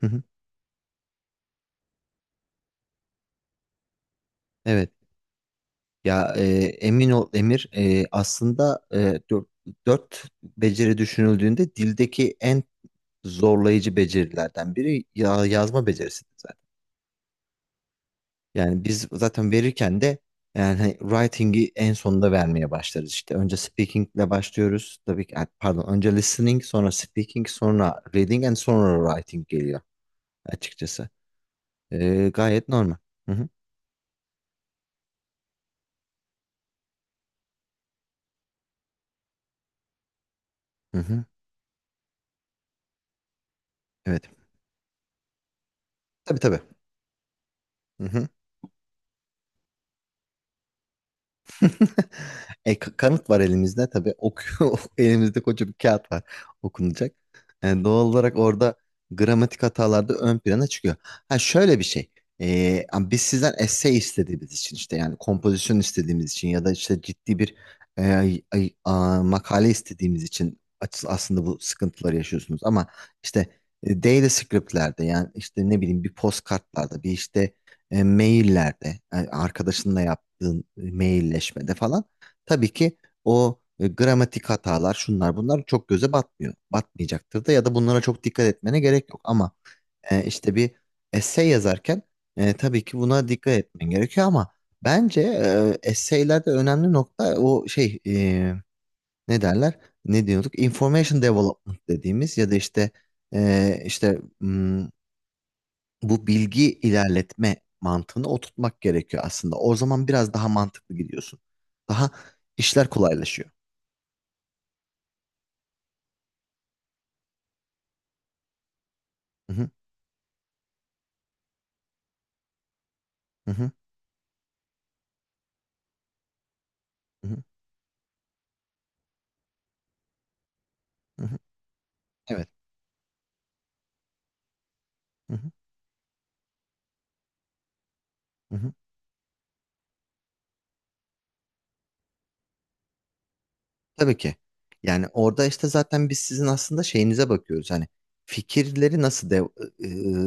Hı hı. Evet. Ya emin ol Emir, aslında, dört beceri düşünüldüğünde dildeki en zorlayıcı becerilerden biri ya, yazma becerisidir zaten. Yani biz zaten verirken de yani hani writing'i en sonunda vermeye başlarız işte. Önce speaking'le başlıyoruz. Tabii ki, pardon önce listening sonra speaking sonra reading and sonra writing geliyor açıkçası. Gayet normal. Hı hı. Hı hı. Evet. Tabii tabii. Hı hı. Kanıt var elimizde tabii. Okuyor. Elimizde koca bir kağıt var okunacak. Doğal olarak orada gramatik hatalar da ön plana çıkıyor. Ha şöyle bir şey. Ama biz sizden essay istediğimiz için işte yani kompozisyon istediğimiz için ya da işte ciddi bir makale istediğimiz için aslında bu sıkıntıları yaşıyorsunuz. Ama işte, daily script'lerde yani işte ne bileyim bir postkartlarda bir işte, maillerde, arkadaşınla yaptığın mailleşmede falan tabii ki o gramatik hatalar şunlar bunlar çok göze batmıyor. Batmayacaktır da ya da bunlara çok dikkat etmene gerek yok ama, işte bir essay yazarken, tabii ki buna dikkat etmen gerekiyor ama bence, essaylerde önemli nokta o şey, ne derler? Ne diyorduk? Information development dediğimiz ya da işte, bu bilgi ilerletme mantığını oturtmak gerekiyor aslında. O zaman biraz daha mantıklı gidiyorsun. Daha işler kolaylaşıyor. Hı hı, hı hı, hı hı, hı hı. Evet. Hı hı, hı hı. Tabii ki. Yani orada işte zaten biz sizin aslında şeyinize bakıyoruz. Hani fikirleri nasıl de,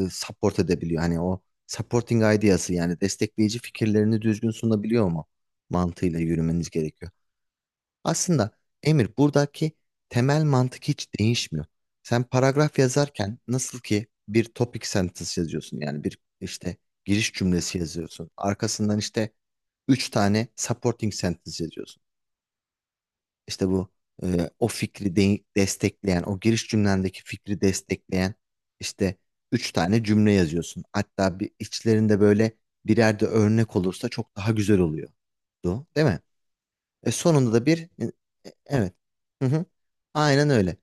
e, support edebiliyor? Hani o supporting ideası yani destekleyici fikirlerini düzgün sunabiliyor mu? Mantığıyla yürümeniz gerekiyor. Aslında Emir buradaki temel mantık hiç değişmiyor. Sen paragraf yazarken nasıl ki bir topic sentence yazıyorsun yani bir işte giriş cümlesi yazıyorsun. Arkasından işte üç tane supporting sentence yazıyorsun. İşte bu, o fikri destekleyen, o giriş cümlendeki fikri destekleyen işte üç tane cümle yazıyorsun. Hatta bir içlerinde böyle birer de örnek olursa çok daha güzel oluyor. Değil mi? Sonunda da bir, evet. Hı hı. Aynen öyle.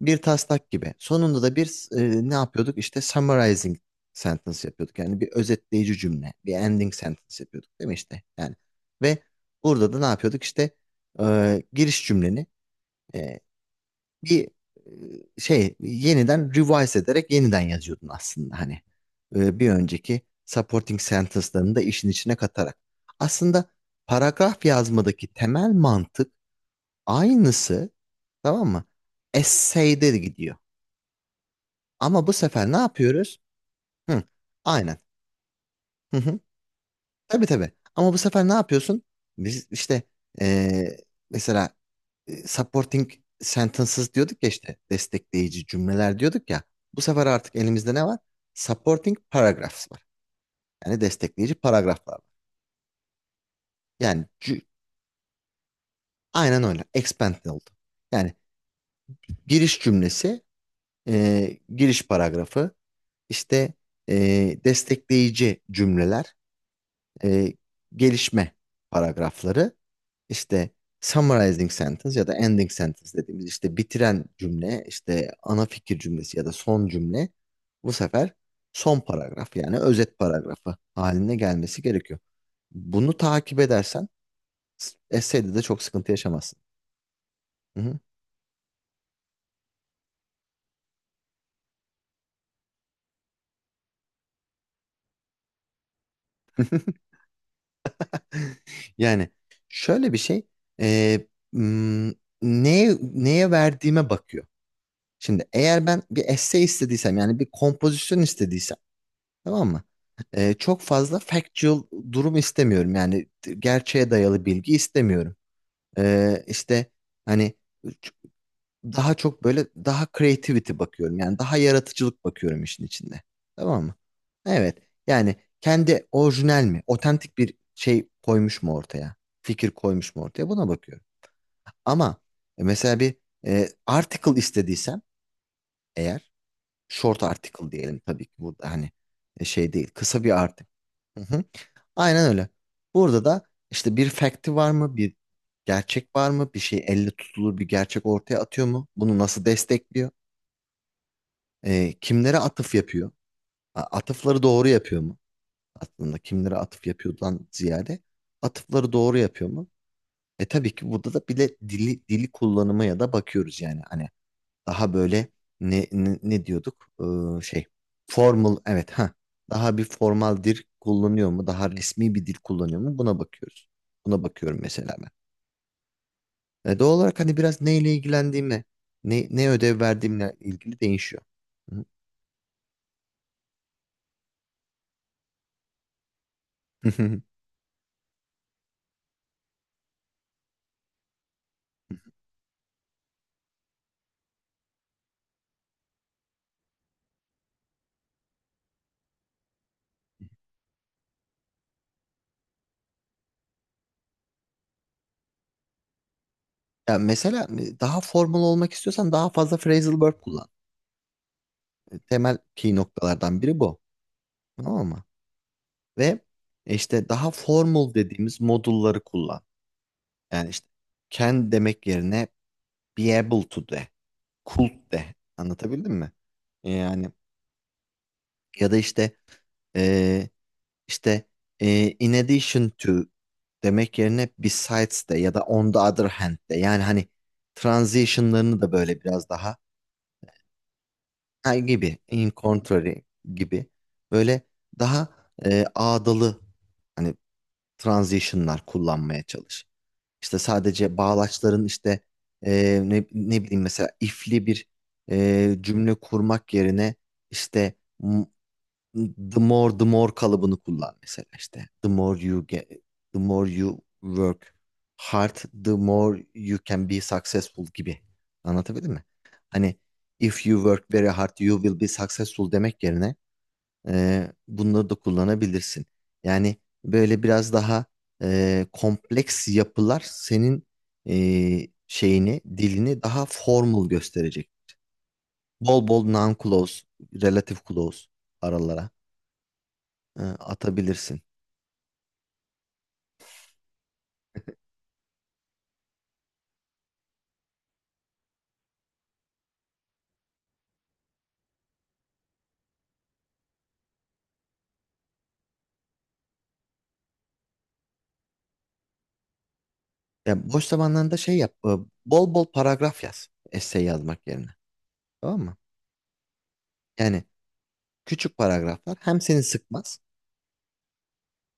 Bir taslak gibi. Sonunda da bir, ne yapıyorduk? İşte summarizing sentence yapıyorduk. Yani bir özetleyici cümle, bir ending sentence yapıyorduk değil mi işte? Yani ve burada da ne yapıyorduk? İşte, giriş cümleni e, bir, şey yeniden revise ederek yeniden yazıyordun aslında hani. Bir önceki supporting sentence'larını da işin içine katarak. Aslında paragraf yazmadaki temel mantık aynısı, tamam mı? Essay'de de gidiyor. Ama bu sefer ne yapıyoruz? Hı, aynen. Hı hı. Tabii tabii. Ama bu sefer ne yapıyorsun? Biz işte eee, mesela, supporting sentences diyorduk ya işte destekleyici cümleler diyorduk ya. Bu sefer artık elimizde ne var? Supporting paragraphs var. Yani destekleyici paragraflar var. Yani aynen öyle. Expand oldu. Yani giriş cümlesi, giriş paragrafı, işte, destekleyici cümleler, e, gelişme paragrafları, işte summarizing sentence ya da ending sentence dediğimiz işte bitiren cümle, işte ana fikir cümlesi ya da son cümle bu sefer son paragraf yani özet paragrafı haline gelmesi gerekiyor. Bunu takip edersen essay'de de çok sıkıntı yaşamazsın. Hı hı. Yani şöyle bir şey, e, m, neye verdiğime bakıyor. Şimdi eğer ben bir essay istediysem yani bir kompozisyon istediysem tamam mı? Çok fazla factual durum istemiyorum. Yani gerçeğe dayalı bilgi istemiyorum. İşte hani ç- daha çok böyle daha creativity bakıyorum. Yani daha yaratıcılık bakıyorum işin içinde. Tamam mı? Evet. Yani kendi orijinal mi? Otantik bir şey koymuş mu ortaya? Fikir koymuş mu ortaya? Buna bakıyorum. Ama mesela bir, article istediysem eğer short article diyelim tabii ki burada hani, şey değil kısa bir article. Hı hı. Aynen öyle. Burada da işte bir fact'i var mı? Bir gerçek var mı? Bir şey elle tutulur bir gerçek ortaya atıyor mu? Bunu nasıl destekliyor? Kimlere atıf yapıyor? Atıfları doğru yapıyor mu? Aslında kimlere atıf yapıyordan ziyade atıfları doğru yapıyor mu? Tabii ki burada da bile dili kullanıma ya da bakıyoruz yani. Hani daha böyle ne diyorduk? Şey formal, evet, ha, daha bir formal dil kullanıyor mu? Daha resmi bir dil kullanıyor mu? Buna bakıyoruz. Buna bakıyorum mesela ben. Doğal olarak hani biraz neyle ilgilendiğime, ne ödev verdiğimle ilgili değişiyor. Hı. Hı. Ya mesela, daha formal olmak istiyorsan daha fazla phrasal verb kullan. Temel key noktalardan biri bu. Tamam mı? Ve, işte daha formal dediğimiz modulları kullan. Yani işte can demek yerine be able to de, could de. Anlatabildim mi? Yani ya da işte e, işte in addition to demek yerine besides de ya da on the other hand de. Yani hani transitionlarını da böyle biraz daha ha, gibi in contrary gibi böyle daha, ağdalı hani transitionlar kullanmaya çalış. İşte sadece bağlaçların işte, ne bileyim mesela ifli bir, cümle kurmak yerine işte m- the more the more kalıbını kullan mesela işte the more you get the more you work hard the more you can be successful gibi anlatabildim mi? Hani if you work very hard you will be successful demek yerine bunları da kullanabilirsin. Yani böyle biraz daha, kompleks yapılar senin, şeyini, dilini daha formal gösterecek. Bol bol non-clause, relative clause aralara, atabilirsin. Ya boş zamanlarında şey yap, bol bol paragraf yaz, essay yazmak yerine. Tamam mı? Yani küçük paragraflar hem seni sıkmaz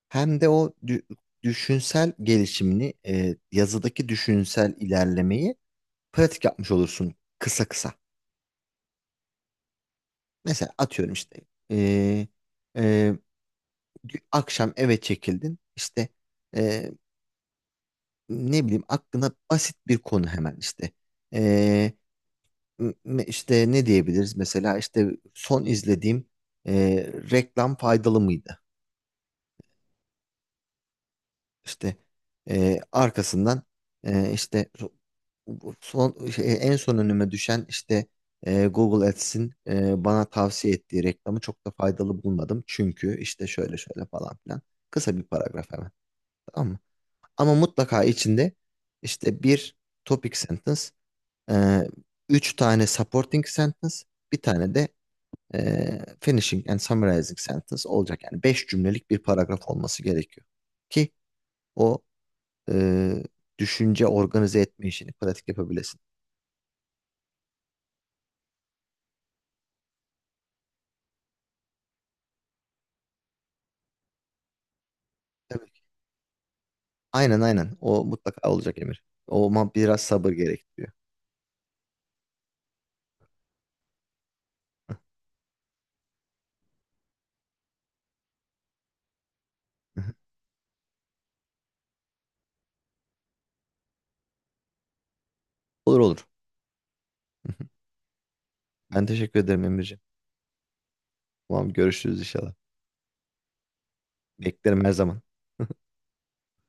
hem de o düşünsel gelişimini, yazıdaki düşünsel ilerlemeyi pratik yapmış olursun kısa kısa. Mesela atıyorum işte eee, eee, akşam eve çekildin işte eee, ne bileyim aklına basit bir konu hemen işte Eee, işte ne diyebiliriz mesela işte son izlediğim reklam faydalı mıydı? İşte, arkasından, işte son şey, en son önüme düşen işte, Google Ads'in, bana tavsiye ettiği reklamı çok da faydalı bulmadım. Çünkü işte şöyle şöyle falan filan. Kısa bir paragraf hemen. Tamam mı? Ama mutlaka içinde işte bir topic sentence, e, üç tane supporting sentence, bir tane de, finishing and summarizing sentence olacak. Yani beş cümlelik bir paragraf olması gerekiyor. Ki o e, düşünce organize etme işini pratik yapabilesin. Tabii ki. Aynen aynen. O mutlaka olacak Emir. O ama biraz sabır gerektiriyor. Hı hı. Olur olur. Hı hı. Ben teşekkür ederim Emirciğim. Tamam görüşürüz inşallah. Beklerim her zaman.